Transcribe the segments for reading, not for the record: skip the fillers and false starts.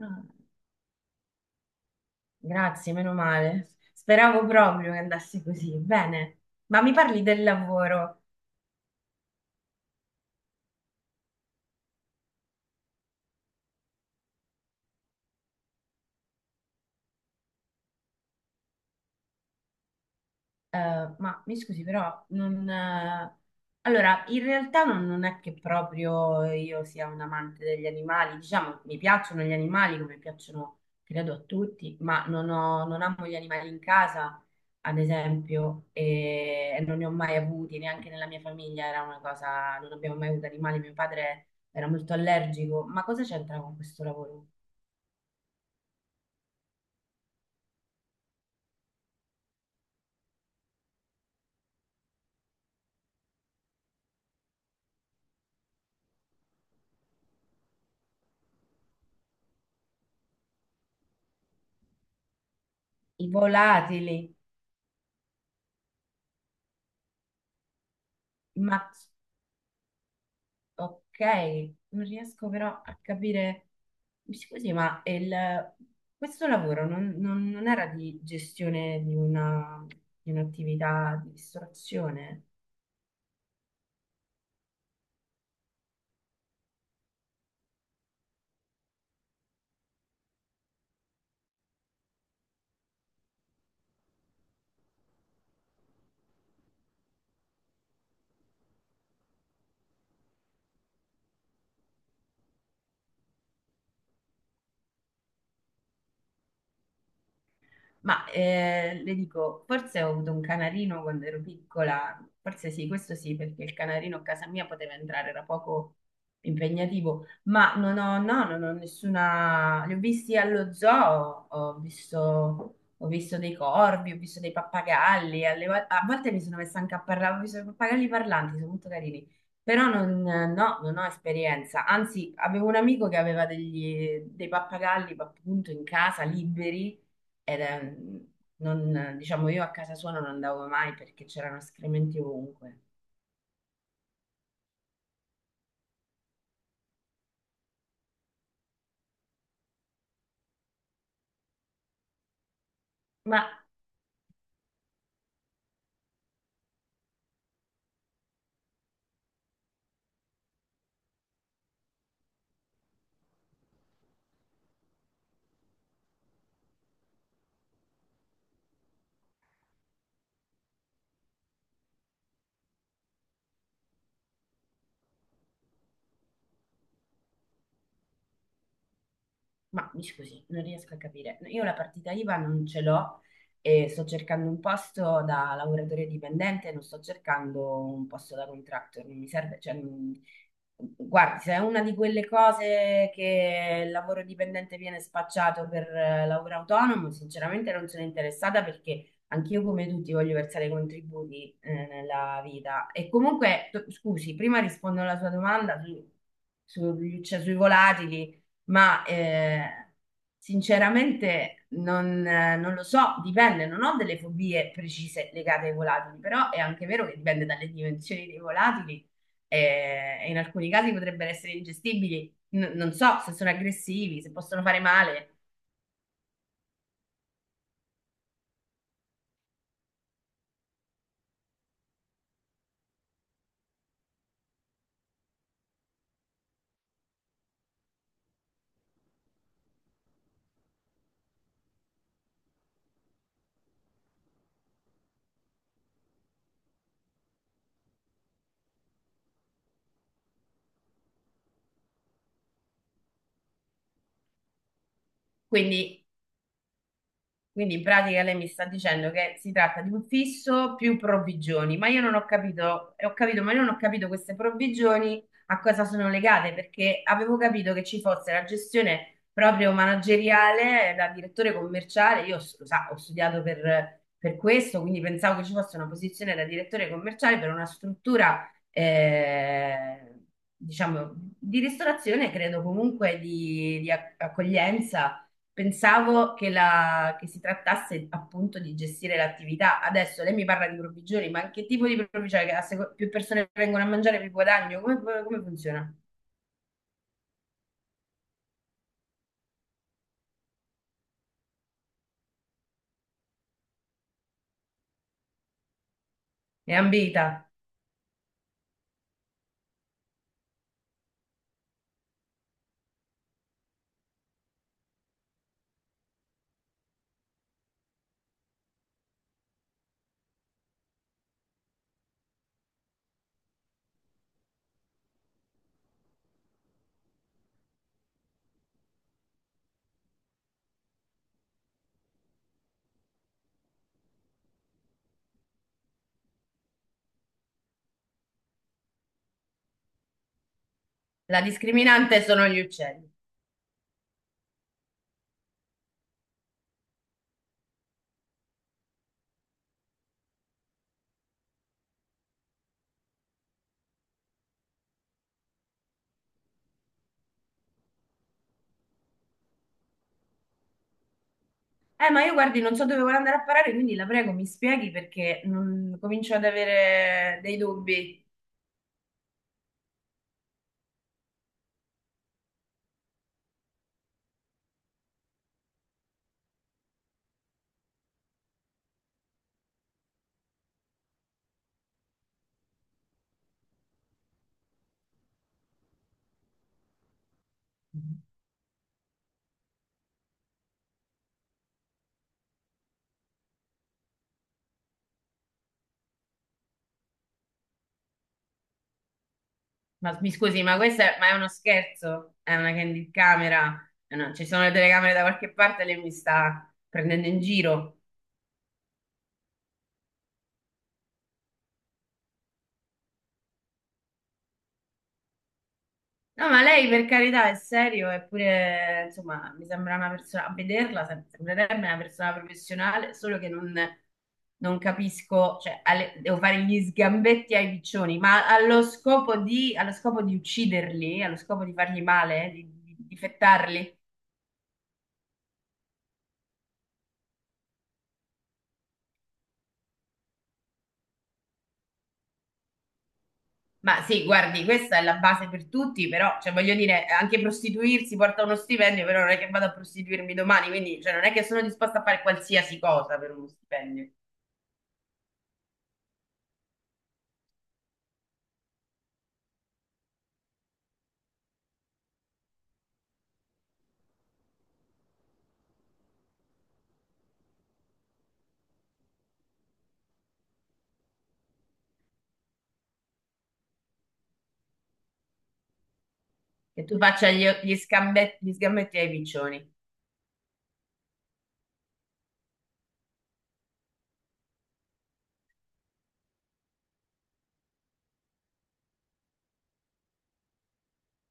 Ah, grazie, meno male. Speravo proprio che andasse così. Bene, ma mi parli del lavoro? Ma mi scusi, però non... allora, in realtà non è che proprio io sia un amante degli animali, diciamo, mi piacciono gli animali come piacciono, credo, a tutti, ma non amo gli animali in casa, ad esempio, e non ne ho mai avuti, neanche nella mia famiglia era una cosa, non abbiamo mai avuto animali, mio padre era molto allergico, ma cosa c'entra con questo lavoro? I volatili. Ma ok, non riesco però a capire. Mi scusi, ma questo lavoro non era di gestione di un'attività di ristorazione? Ma le dico, forse ho avuto un canarino quando ero piccola, forse sì, questo sì, perché il canarino a casa mia poteva entrare, era poco impegnativo, ma non ho, no, non ho nessuna... Li ho visti allo zoo, ho visto dei corvi, ho visto dei pappagalli, a volte mi sono messa anche a parlare, ho visto i pappagalli parlanti, sono molto carini, però non, no, non ho esperienza, anzi avevo un amico che aveva dei pappagalli appunto in casa, liberi, ed è- non, diciamo, io a casa sua non andavo mai perché c'erano escrementi ovunque. Ma Ma mi scusi, non riesco a capire. Io la partita IVA non ce l'ho e sto cercando un posto da lavoratore dipendente, non sto cercando un posto da contractor, non mi serve, cioè, guardi, se è una di quelle cose che il lavoro dipendente viene spacciato per lavoro autonomo, sinceramente non sono interessata perché anch'io come tutti voglio versare i contributi nella vita. E comunque, scusi, prima rispondo alla sua domanda sui volatili. Ma sinceramente non lo so, dipende, non ho delle fobie precise legate ai volatili, però è anche vero che dipende dalle dimensioni dei volatili, e in alcuni casi potrebbero essere ingestibili, non so se sono aggressivi, se possono fare male, quindi Quindi in pratica lei mi sta dicendo che si tratta di un fisso più provvigioni, ma io non ho capito, e ho capito, ma io non ho capito queste provvigioni a cosa sono legate, perché avevo capito che ci fosse la gestione proprio manageriale da direttore commerciale, lo sa, ho studiato per questo, quindi pensavo che ci fosse una posizione da direttore commerciale per una struttura, diciamo, di ristorazione, credo comunque di accoglienza. Pensavo che si trattasse appunto di gestire l'attività. Adesso lei mi parla di provvigioni, ma che tipo di provvigioni? Che più persone vengono a mangiare, più guadagno? Come funziona? È ambita. La discriminante sono gli uccelli. Ma io guardi, non so dove vuole andare a parare, quindi la prego, mi spieghi perché comincio ad avere dei dubbi. Ma mi scusi, ma questo è, ma è uno scherzo? È una candy camera? Eh no, ci sono le telecamere da qualche parte, lei mi sta prendendo in giro. No, ma lei per carità è serio, eppure, insomma, mi sembra una persona, a vederla sembrerebbe una persona professionale, solo che non, non capisco, cioè, devo fare gli sgambetti ai piccioni, ma allo scopo di ucciderli, allo scopo di fargli male, di, di fettarli. Ma sì, guardi, questa è la base per tutti, però, cioè, voglio dire, anche prostituirsi porta uno stipendio, però non è che vado a prostituirmi domani, quindi, cioè, non è che sono disposta a fare qualsiasi cosa per uno stipendio. Che tu faccia gli sgambetti ai piccioni.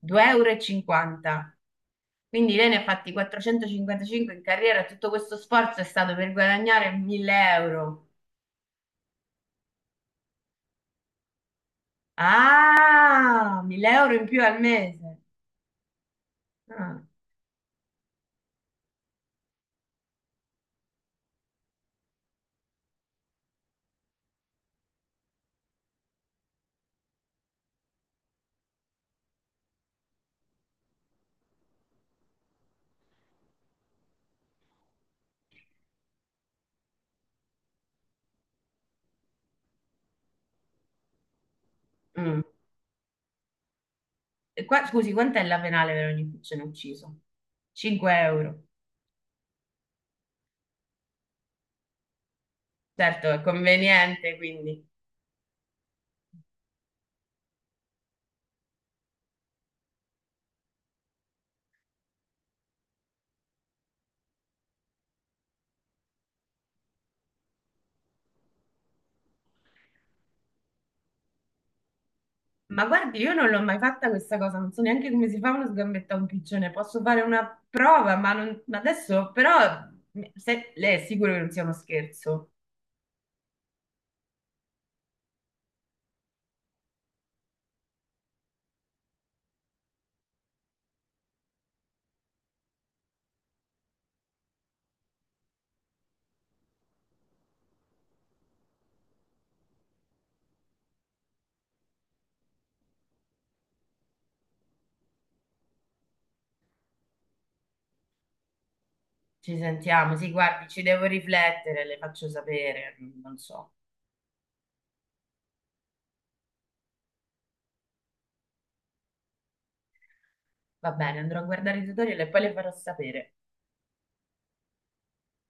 2,50 euro, e cinquanta. Quindi lei ne ha fatti 455 in carriera, e tutto questo sforzo è stato per guadagnare 1000 euro. Ah, 1.000 € in più al mese. Ah, mm. E qua, scusi, quant'è la penale per ogni piccione ucciso? 5 euro. Certo, è conveniente, quindi. Ma guardi, io non l'ho mai fatta questa cosa, non so neanche come si fa uno sgambetto a un piccione. Posso fare una prova, ma adesso però lei è sicuro che non sia uno scherzo? Ci sentiamo, sì, guardi, ci devo riflettere, le faccio sapere, non so. Va bene, andrò a guardare i tutorial e poi le farò sapere.